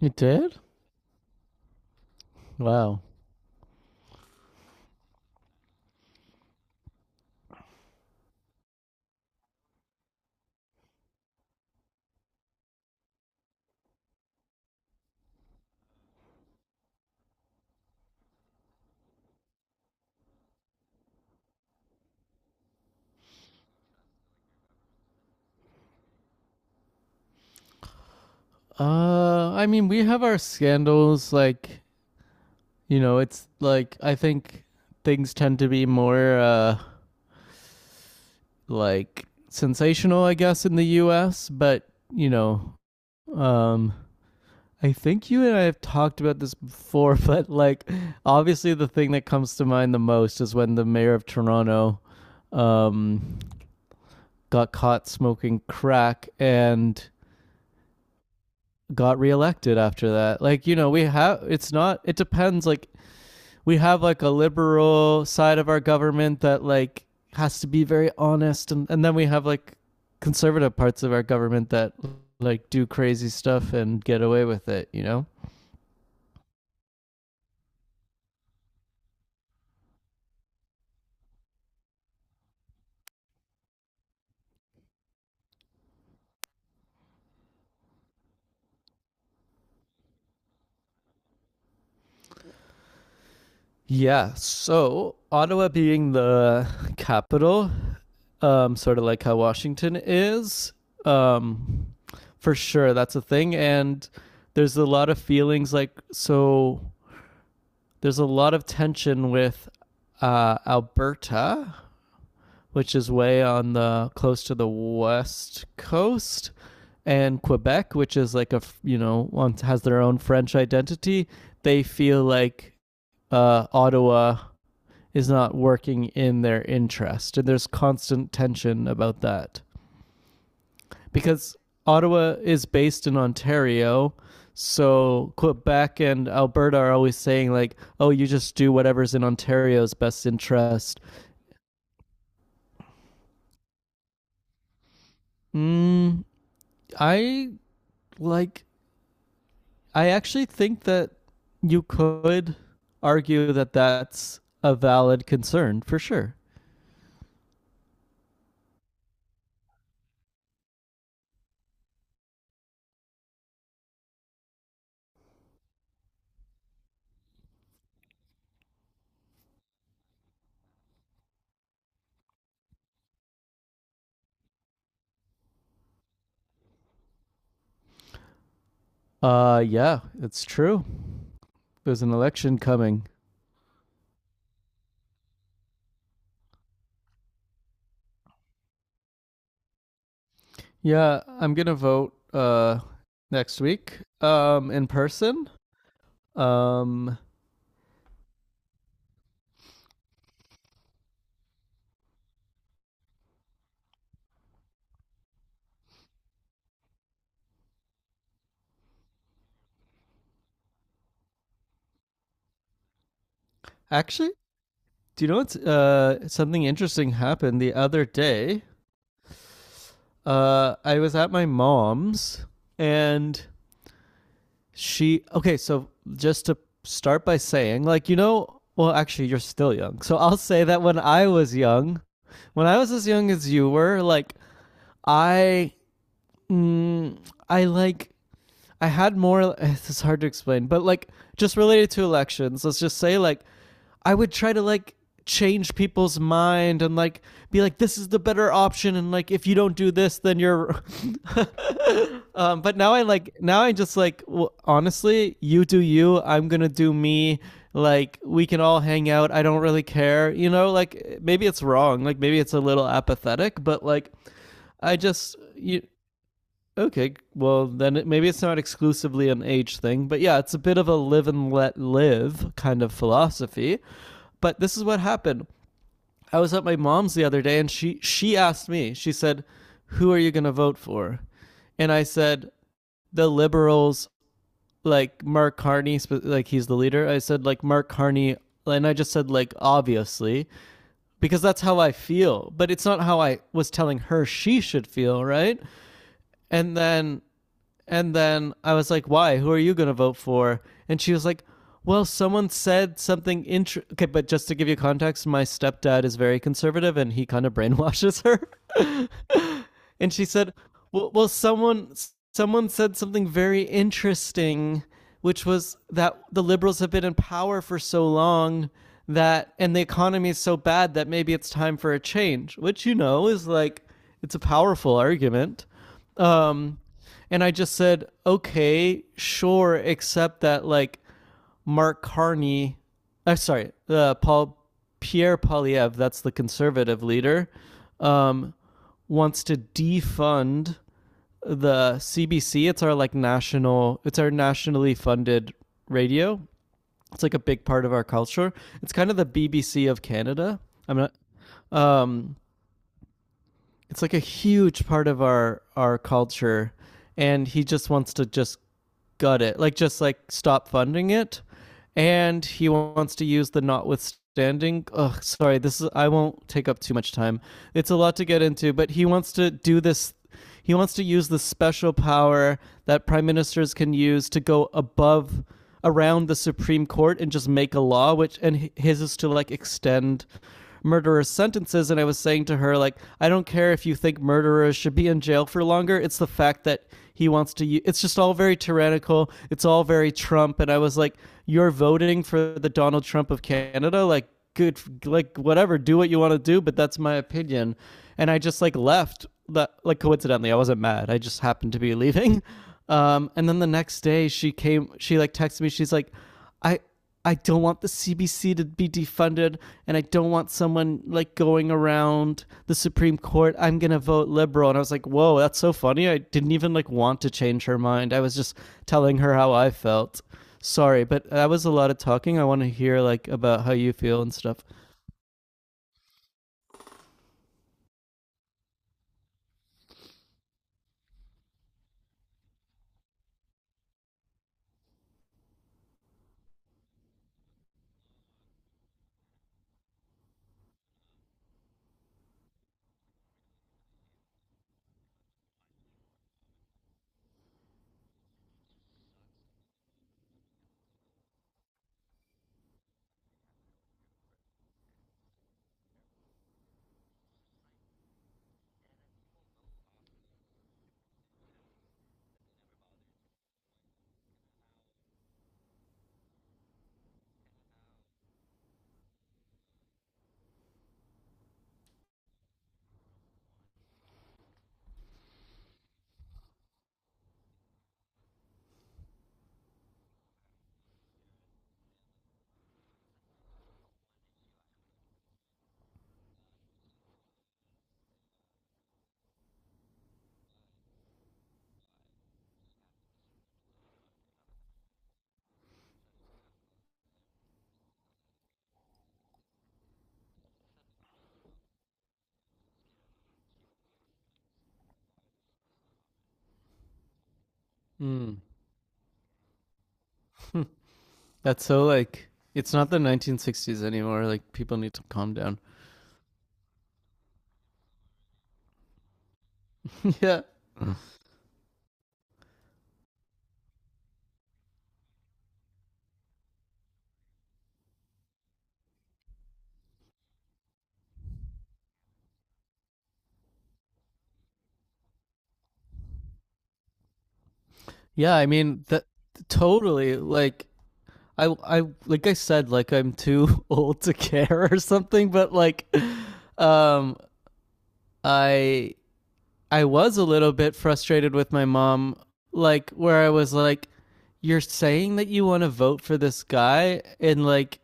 It did? Wow. I mean, we have our scandals. Like, you know, it's like I think things tend to be more like sensational, I guess, in the U.S. But you know, um, I think you and I have talked about this before. But like, obviously, the thing that comes to mind the most is when the mayor of Toronto um, got caught smoking crack and got reelected after that. Like, you know, we have it's not it depends. Like, we have like a liberal side of our government that like has to be very honest, and then we have like conservative parts of our government that like do crazy stuff and get away with it, you know? Yeah. So, Ottawa being the capital, sort of like how Washington is. um for sure that's a thing, and there's a lot of feelings. Like, so there's a lot of tension with Alberta, which is way on the close to the west coast, and Quebec, which is like a, you know has their own French identity. They feel like Ottawa is not working in their interest, and there's constant tension about that because Ottawa is based in Ontario. So Quebec and Alberta are always saying like, "Oh, you just do whatever's in Ontario's best interest." Mm, I like I actually think that you could argue that that's a valid concern for sure. Yeah, it's true. There's an election coming. Yeah, I'm going to vote next week in person. Um actually Do you know what's something interesting happened the other day? I was at my mom's and she. Okay, so just to start by saying, like, you're still young. So I'll say that when I was as young as you were, like, I. Mm, I like. I had more. This is hard to explain, but like, just related to elections, let's just say, like, I would try to change people's mind and like be like this is the better option, and like if you don't do this then you're but now I just like, well, honestly, you do you, I'm going to do me. Like, we can all hang out, I don't really care, you know? Like, maybe it's wrong, like maybe it's a little apathetic, but like I just you okay, well then it, maybe it's not exclusively an age thing, but yeah, it's a bit of a live and let live kind of philosophy. But this is what happened. I was at my mom's the other day, and she asked me. She said, "Who are you going to vote for?" And I said, "The liberals, like Mark Carney, like he's the leader." I said like Mark Carney, and I just said like obviously because that's how I feel, but it's not how I was telling her she should feel, right? And then and then I was like, why? Who are you going to vote for? And she was like, well, someone said something interesting. Okay, but just to give you context, my stepdad is very conservative and he kind of brainwashes her. And she said, " someone said something very interesting, which was that the liberals have been in power for so long." That and the economy is so bad that maybe it's time for a change, which, you know, is like it's a powerful argument. Um, and I just said, okay, sure, except that like Mark Carney, sorry, Paul Pierre Polyev, that's the conservative leader, um, wants to defund the CBC. It's our like national, it's our nationally funded radio. It's like a big part of our culture. It's kind of the BBC of Canada. I'm not. Um, it's like a huge part of our culture, and he just wants to just gut it, like just like stop funding it. And he wants to use the notwithstanding, ugh sorry, this is, I won't take up too much time, it's a lot to get into, but he wants to do this. He wants to use the special power that prime ministers can use to go above, around the Supreme Court and just make a law. Which, and his is to like extend murderers sentences, and I was saying to her like, I don't care if you think murderers should be in jail for longer, it's the fact that he wants to it's just all very tyrannical, it's all very Trump. And I was like, you're voting for the Donald Trump of Canada, like, good, like whatever, do what you want to do, but that's my opinion. And I just like left that. Like, coincidentally, I wasn't mad, I just happened to be leaving. And then the next day she came, she like texted me, she's like, I I don't want the CBC to be defunded, and I don't want someone like going around the Supreme Court. I'm gonna vote liberal. And I was like, "Whoa, that's so funny!" I didn't even like want to change her mind. I was just telling her how I felt. Sorry, but that was a lot of talking. I want to hear like about how you feel and stuff. Mm, that's so like it's not the 1960s anymore. Like people need to calm down. yeah, yeah. I mean, that totally like I said like I'm too old to care or something, but like um I I was a little bit frustrated with my mom, like where I was like, you're saying that you want to vote for this guy, and like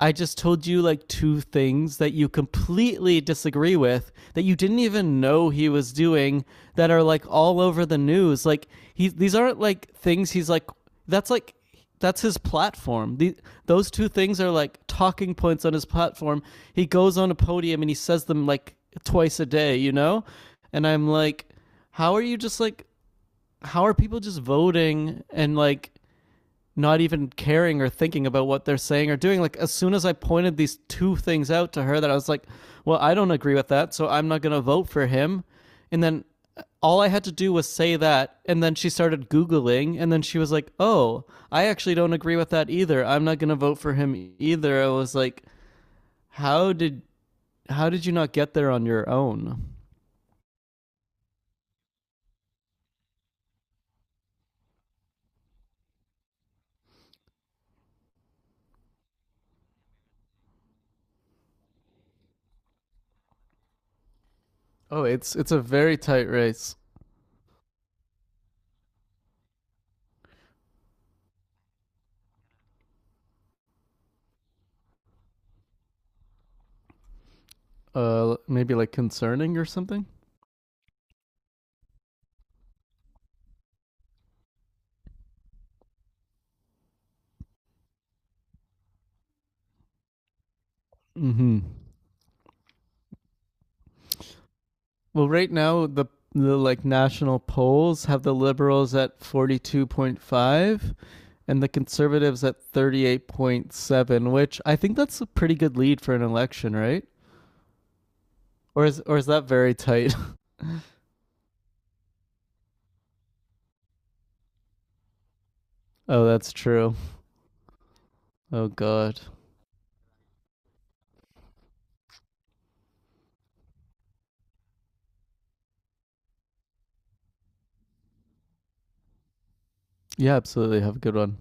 I just told you like two things that you completely disagree with that you didn't even know he was doing, that are like all over the news. Like he these aren't like things he's like, that's like that's his platform. Those two things are like talking points on his platform. He goes on a podium and he says them like twice a day, you know? And I'm like, how are you just like how are people just voting and like not even caring or thinking about what they're saying or doing. Like as soon as I pointed these two things out to her, that I was like, well, I don't agree with that, so I'm not going to vote for him. And then all I had to do was say that, and then she started Googling, and then she was like, "Oh, I actually don't agree with that either. I'm not gonna vote for him either." I was like, "How did how did you not get there on your own?" Oh, it's a very tight race. Maybe like concerning or something. Mm-hmm. Well, right now the like national polls have the liberals at 42.5 and the conservatives at 38.7, which I think that's a pretty good lead for an election, right? Or is that very tight? oh, that's true. Oh god. Yeah, absolutely. Have a good one.